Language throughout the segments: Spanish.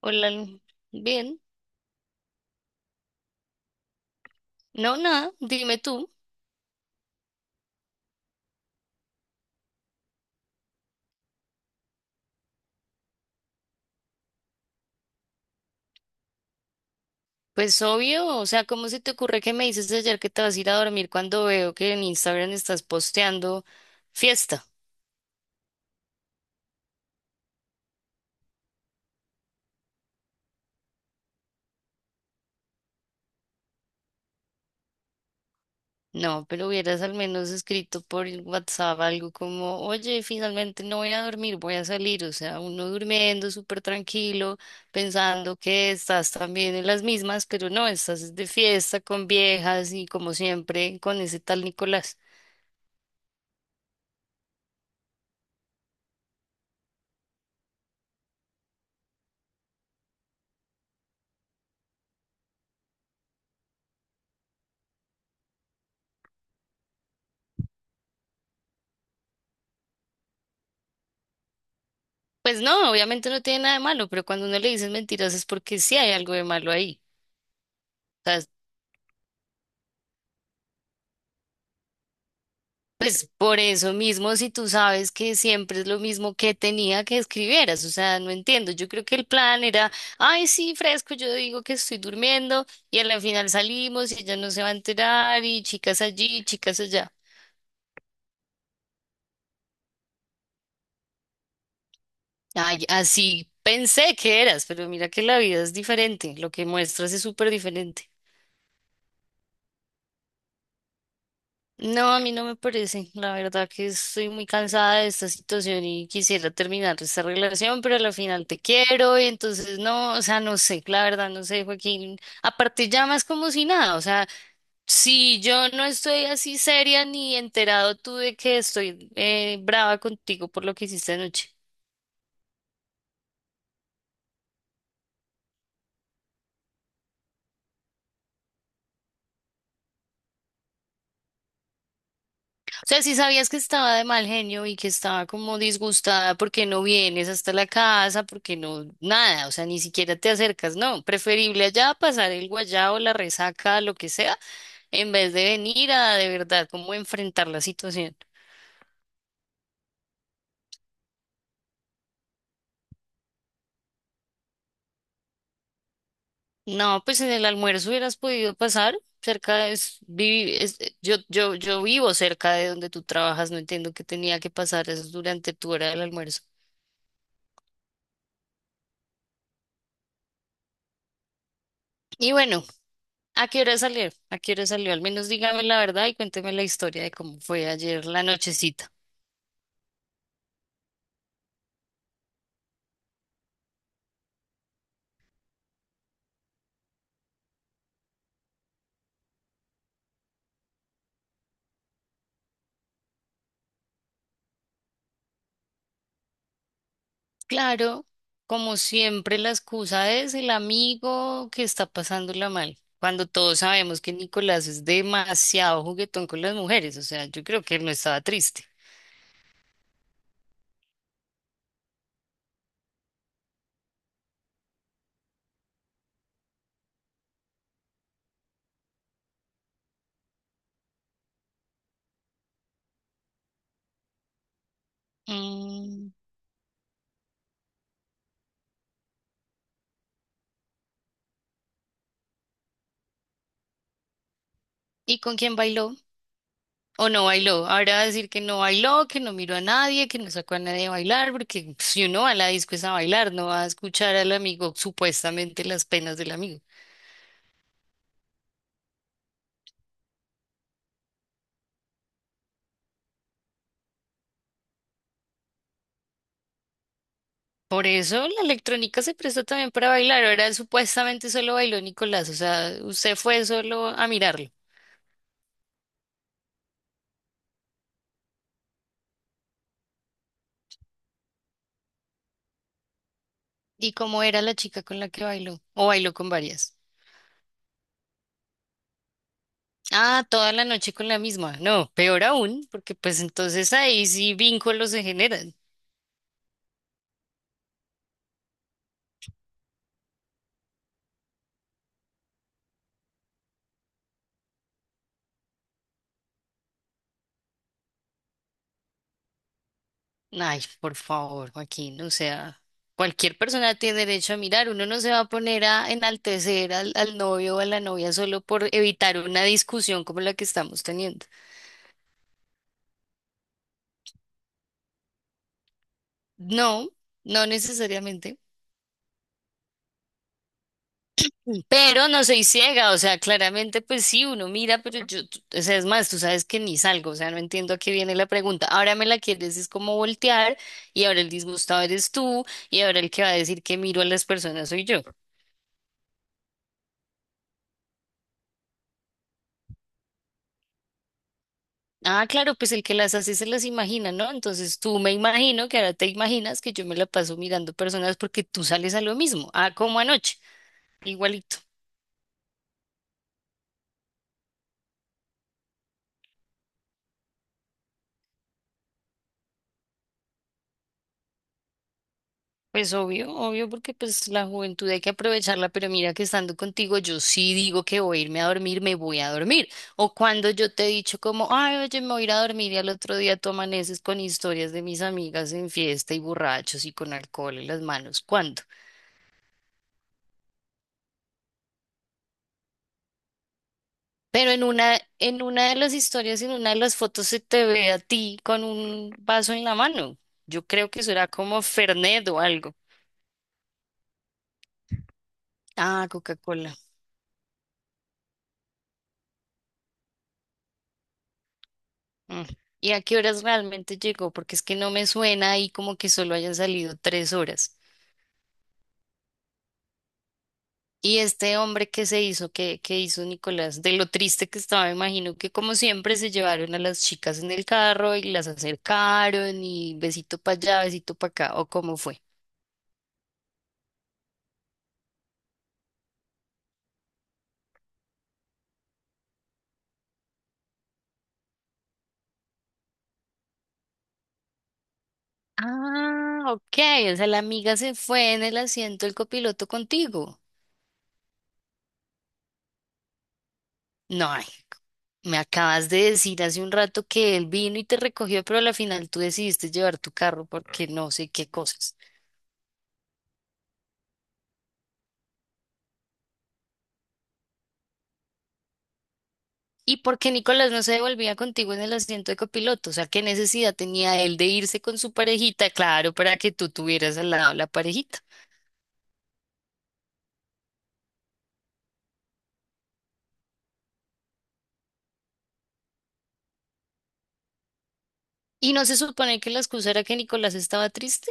Hola, bien. No, nada, dime tú. Pues obvio, o sea, ¿cómo se te ocurre que me dices ayer que te vas a ir a dormir cuando veo que en Instagram estás posteando fiesta? No, pero hubieras al menos escrito por el WhatsApp algo como, oye, finalmente no voy a dormir, voy a salir. O sea, uno durmiendo súper tranquilo, pensando que estás también en las mismas, pero no, estás de fiesta con viejas y como siempre con ese tal Nicolás. Pues no, obviamente no tiene nada de malo, pero cuando uno le dices mentiras es porque sí hay algo de malo ahí. O sea, pues por eso mismo, si tú sabes que siempre es lo mismo que tenía que escribieras, o sea, no entiendo. Yo creo que el plan era, ay, sí, fresco, yo digo que estoy durmiendo y al final salimos y ella no se va a enterar y chicas allí, chicas allá. Ay, así pensé que eras, pero mira que la vida es diferente, lo que muestras es súper diferente. No, a mí no me parece. La verdad que estoy muy cansada de esta situación y quisiera terminar esta relación, pero a la final te quiero y entonces no, o sea, no sé, la verdad no sé, Joaquín. Aparte llamas como si nada, o sea, si yo no estoy así seria ni enterado tú de que estoy brava contigo por lo que hiciste anoche. O sea, si sabías que estaba de mal genio y que estaba como disgustada porque no vienes hasta la casa, porque no, nada, o sea, ni siquiera te acercas, no, preferible allá pasar el guayao, la resaca, lo que sea, en vez de venir a de verdad como enfrentar la situación. No, pues en el almuerzo hubieras podido pasar cerca de, es, vivi- es- yo, yo, yo vivo cerca de donde tú trabajas, no entiendo que tenía que pasar eso durante tu hora del almuerzo. Y bueno. ¿A qué hora salió? ¿A qué hora salió? Al menos dígame la verdad y cuénteme la historia de cómo fue ayer la nochecita. Claro, como siempre, la excusa es el amigo que está pasándola mal. Cuando todos sabemos que Nicolás es demasiado juguetón con las mujeres, o sea, yo creo que él no estaba triste. Mm. ¿Y con quién bailó? ¿O no bailó? Ahora va a decir que no bailó, que no miró a nadie, que no sacó a nadie a bailar, porque pues, si uno va a la disco es a bailar, no va a escuchar al amigo, supuestamente las penas del amigo. Por eso la electrónica se prestó también para bailar. Ahora supuestamente solo bailó Nicolás, o sea, usted fue solo a mirarlo. ¿Y cómo era la chica con la que bailó? ¿O bailó con varias? Ah, toda la noche con la misma. No, peor aún, porque pues entonces ahí sí vínculos se generan. Ay, por favor, Joaquín, o sea, cualquier persona tiene derecho a mirar. Uno no se va a poner a enaltecer al novio o a la novia solo por evitar una discusión como la que estamos teniendo. No, no necesariamente. Pero no soy ciega, o sea, claramente pues sí, uno mira, pero yo, tú- o sea, es más, tú sabes que ni salgo, o sea, no entiendo a qué viene la pregunta. Ahora me la quieres es como voltear y ahora el disgustado eres tú y ahora el que va a decir que miro a las personas soy yo. Ah, claro, pues el que las hace se las imagina, ¿no? Entonces tú me imagino que ahora te imaginas que yo me la paso mirando personas porque tú sales a lo mismo, ah, como anoche, igualito. Pues obvio, obvio, porque pues la juventud hay que aprovecharla, pero mira que estando contigo yo sí digo que voy a irme a dormir, me voy a dormir. O cuando yo te he dicho como, ay, oye, me voy a ir a dormir y al otro día tú amaneces con historias de mis amigas en fiesta y borrachos y con alcohol en las manos, ¿cuándo? Pero en una de las historias, en una de las fotos se te ve a ti con un vaso en la mano. Yo creo que será como Fernet o algo. Ah, Coca-Cola. Mm. ¿Y a qué horas realmente llegó? Porque es que no me suena ahí como que solo hayan salido 3 horas. Y este hombre que se hizo, que hizo Nicolás, de lo triste que estaba, me imagino que como siempre se llevaron a las chicas en el carro y las acercaron y besito para allá, besito para acá, ¿o cómo fue? Ah, ok, o sea, la amiga se fue en el asiento del copiloto contigo. No, ay, me acabas de decir hace un rato que él vino y te recogió, pero a la final tú decidiste llevar tu carro porque no sé qué cosas. ¿Y por qué Nicolás no se devolvía contigo en el asiento de copiloto? O sea, ¿qué necesidad tenía él de irse con su parejita? Claro, para que tú tuvieras al lado la parejita. ¿Y no se supone que la excusa era que Nicolás estaba triste?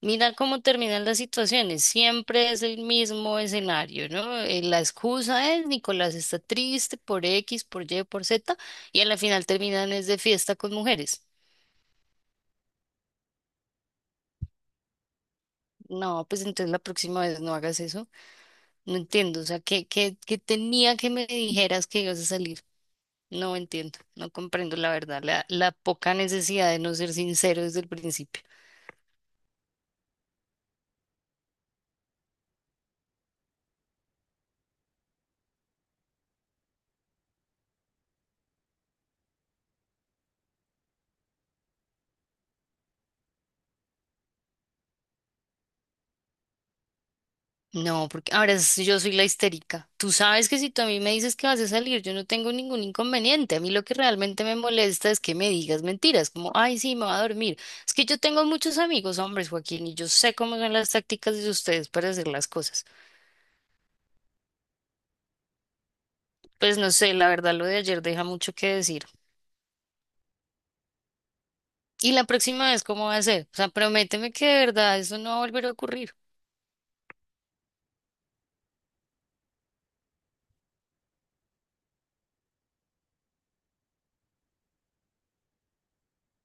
Mira cómo terminan las situaciones. Siempre es el mismo escenario, ¿no? La excusa es Nicolás está triste por X, por Y, por Z, y a la final terminan es de fiesta con mujeres. No, pues entonces la próxima vez no hagas eso. No entiendo, o sea, ¿qué tenía que me dijeras que ibas a salir? No entiendo, no comprendo la verdad, la poca necesidad de no ser sincero desde el principio. No, porque ahora es yo soy la histérica. Tú sabes que si tú a mí me dices que vas a salir, yo no tengo ningún inconveniente. A mí lo que realmente me molesta es que me digas mentiras, como, ay, sí, me va a dormir. Es que yo tengo muchos amigos hombres, Joaquín, y yo sé cómo son las tácticas de ustedes para hacer las cosas. Pues no sé, la verdad, lo de ayer deja mucho que decir. Y la próxima vez, ¿cómo va a ser? O sea, prométeme que de verdad eso no va a volver a ocurrir.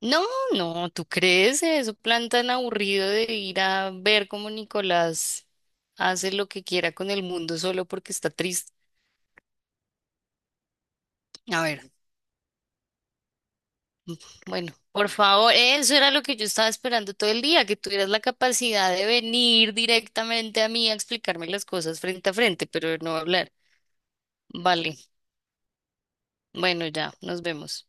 No, no, ¿tú crees eso? Plan tan aburrido de ir a ver cómo Nicolás hace lo que quiera con el mundo solo porque está triste. A ver, mm, bueno, por favor, eso era lo que yo estaba esperando todo el día, que tuvieras la capacidad de venir directamente a mí a explicarme las cosas frente a frente, pero no hablar. Vale, bueno, ya, nos vemos.